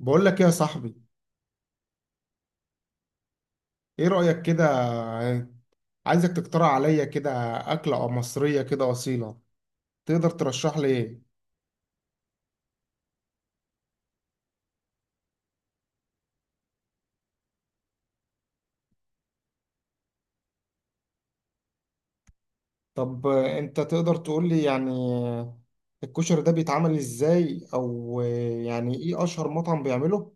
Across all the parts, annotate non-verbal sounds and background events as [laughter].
بقول لك إيه يا صاحبي؟ ايه رأيك كده؟ عايزك تقترح عليا كده أكلة أو مصرية كده أصيلة. تقدر ترشح لي ايه؟ طب انت تقدر تقول لي يعني الكشري ده بيتعمل ازاي او يعني ايه اشهر مطعم بيعمله؟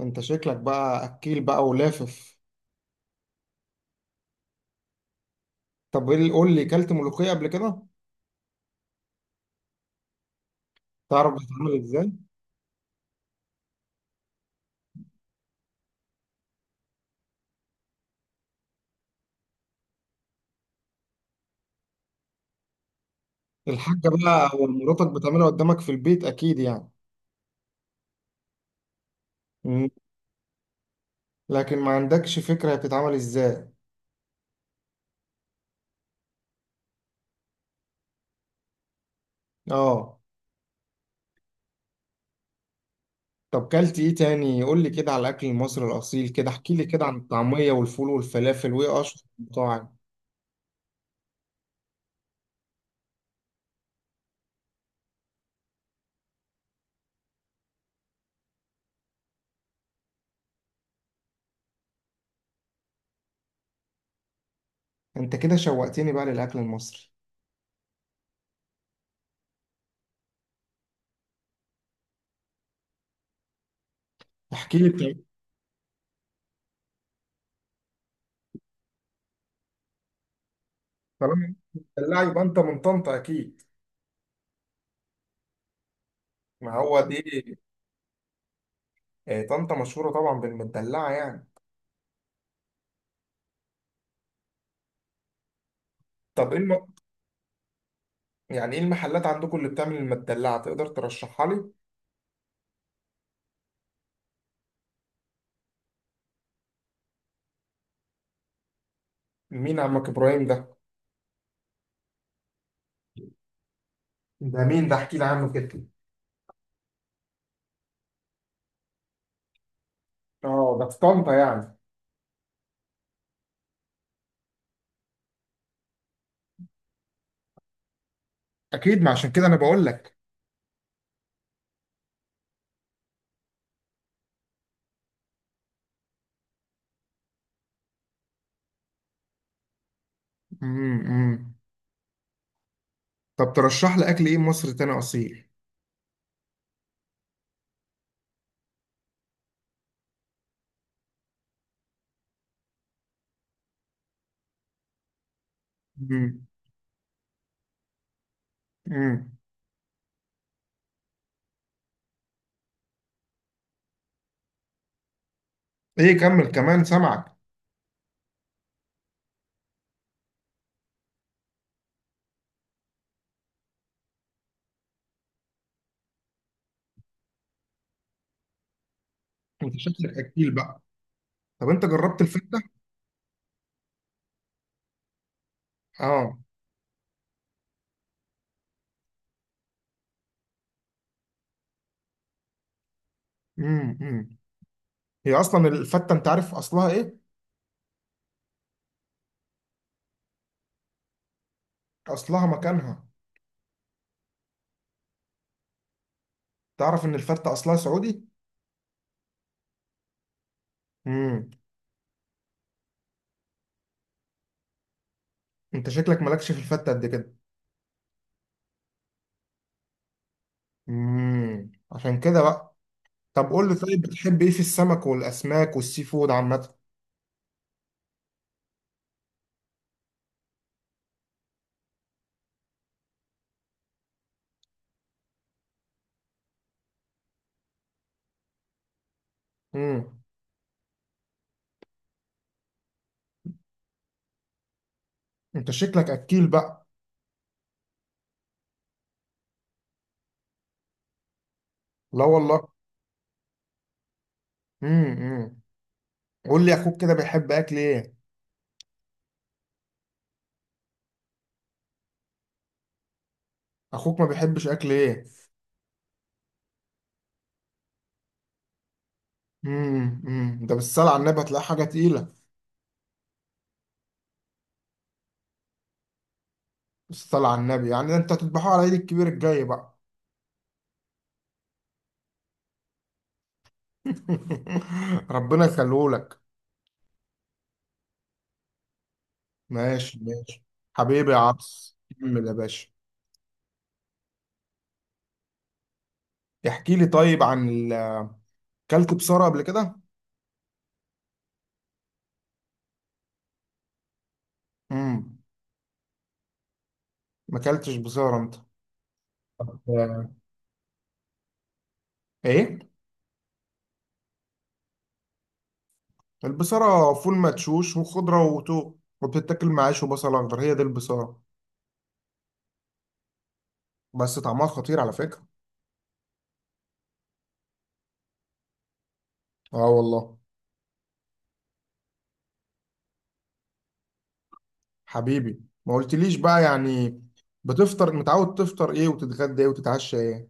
انت شكلك بقى اكيل بقى ولافف. طب قول لي، كلت ملوخية قبل كده؟ تعرف بتتعمل ازاي؟ الحاجة بقى أو مراتك بتعملها قدامك في البيت اكيد يعني. مم. لكن ما عندكش فكرة هي بتتعمل ازاي. اه. طب كلت ايه تاني؟ قول لي كده على الاكل المصري الاصيل، كده احكي لي كده عن الطعميه والفول والفلافل، وايه اشهر المطاعم؟ انت كده شوقتني بقى للاكل المصري. احكي لي طيب. طالما مدلعه، يبقى انت من طنطا اكيد. ما هو دي. آه، طنطا مشهوره طبعا بالمدلعه يعني. طب يعني ايه المحلات عندكم اللي بتعمل المدلعه؟ تقدر ترشحها لي؟ مين عمك ابراهيم ده؟ ده مين ده؟ احكي لي عنه كده. اه، ده في طنطا يعني. اكيد، ما عشان كده انا بقول لك. أمم. طب ترشح لي اكل ايه مصري تاني اصيل. مم. مم. ايه، كمل كمان سامعك. انت شكلك اكيل بقى. طب انت جربت الفته؟ اه. مم. مم. هي اصلا الفته، انت عارف اصلها ايه؟ اصلها مكانها. تعرف ان الفته اصلها سعودي؟ مم. انت شكلك مالكش في الفته قد كده. مم. عشان كده بقى. طب قول لي طيب، بتحب ايه في السمك والاسماك والسي فود عامه؟ مم. انت شكلك اكيل بقى. لا والله. مم. مم. قول لي اخوك كده بيحب اكل ايه؟ اخوك ما بيحبش اكل ايه؟ امم، ده بالصلاة على النبي هتلاقي حاجة تقيلة. بالصلاة على النبي يعني ده انت هتذبحوه على عيد الكبير الجاي بقى. [laughs] ربنا يخليهولك. ماشي ماشي. حبيبي يا عبس، كمل يا باشا. احكي لي طيب اكلت بصارة قبل كده؟ امم. ما اكلتش بصارة انت؟ طب، ايه؟ البصارة فول مدشوش وخضرة وتو، وبتتاكل مع عيش وبصل اخضر، هي دي البصارة. بس طعمها خطير على فكرة. اه والله. حبيبي، ما قلتليش بقى يعني. بتفطر متعود تفطر ايه وتتغدى ايه وتتعشى ايه؟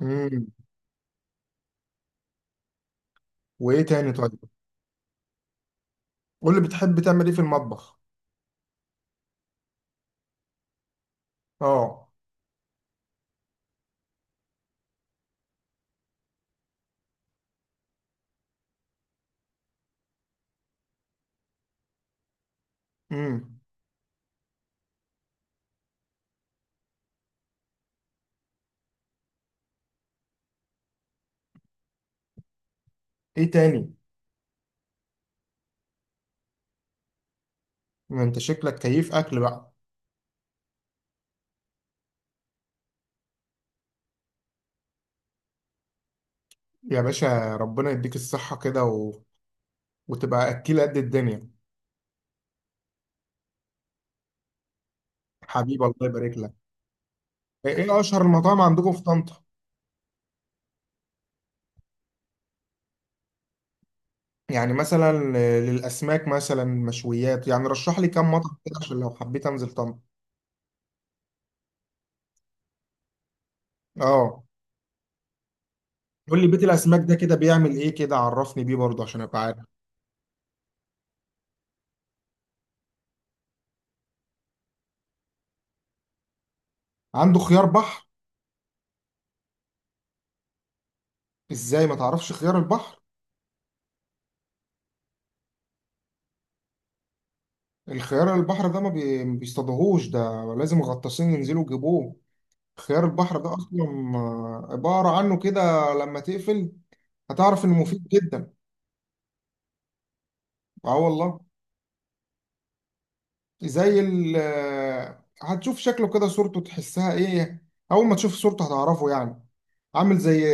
امم. وايه تاني طيب؟ قول لي بتحب تعمل ايه في المطبخ. اه. امم. ايه تاني؟ ما انت شكلك كيف اكل بقى. يا باشا، ربنا يديك الصحة كده. وتبقى اكيل قد الدنيا. حبيبي، الله يبارك لك. ايه اشهر المطاعم عندكم في طنطا؟ يعني مثلا للاسماك، مثلا مشويات، يعني رشح لي كام مطعم كده عشان لو حبيت انزل طنطا. اه. قول لي بيت الاسماك ده كده بيعمل ايه؟ كده عرفني بيه برضه عشان ابقى عارف. عنده خيار بحر؟ ازاي ما تعرفش خيار البحر؟ الخيار البحر ده ما بيصطادوهوش ده. لازم غطاسين ينزلوا يجيبوه. خيار البحر ده اصلا. آه، ابقى اقرا عنه كده لما تقفل. هتعرف انه مفيد جدا. اه والله. زي ال آه، هتشوف شكله كده صورته تحسها ايه. اول ما تشوف صورته هتعرفه يعني. عامل زي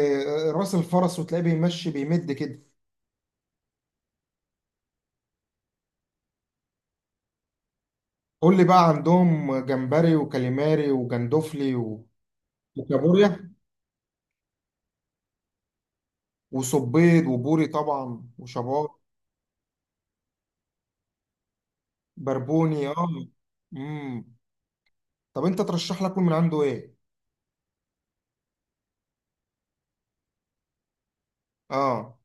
راس الفرس وتلاقيه بيمشي بيمد كده. قول لي بقى، عندهم جمبري وكاليماري وجندوفلي وكابوريا، وصبيد وبوري طبعا وشبار. بربوني اه. امم. طب انت ترشح لك من عنده ايه؟ اه.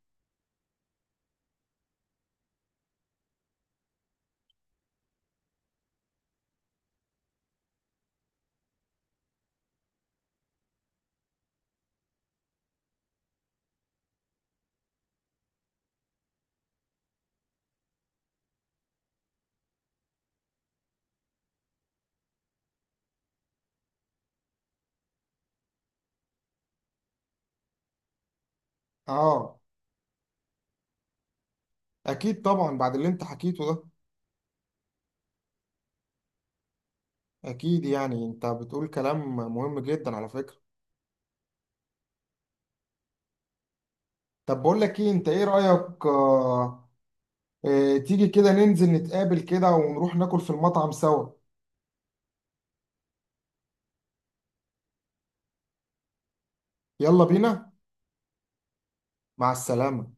اه. اكيد طبعا بعد اللي انت حكيته ده. اكيد، يعني انت بتقول كلام مهم جدا على فكرة. طب بقول لك ايه، انت ايه رأيك؟ تيجي كده ننزل نتقابل كده ونروح ناكل في المطعم سوا. يلا بينا. مع السلامة.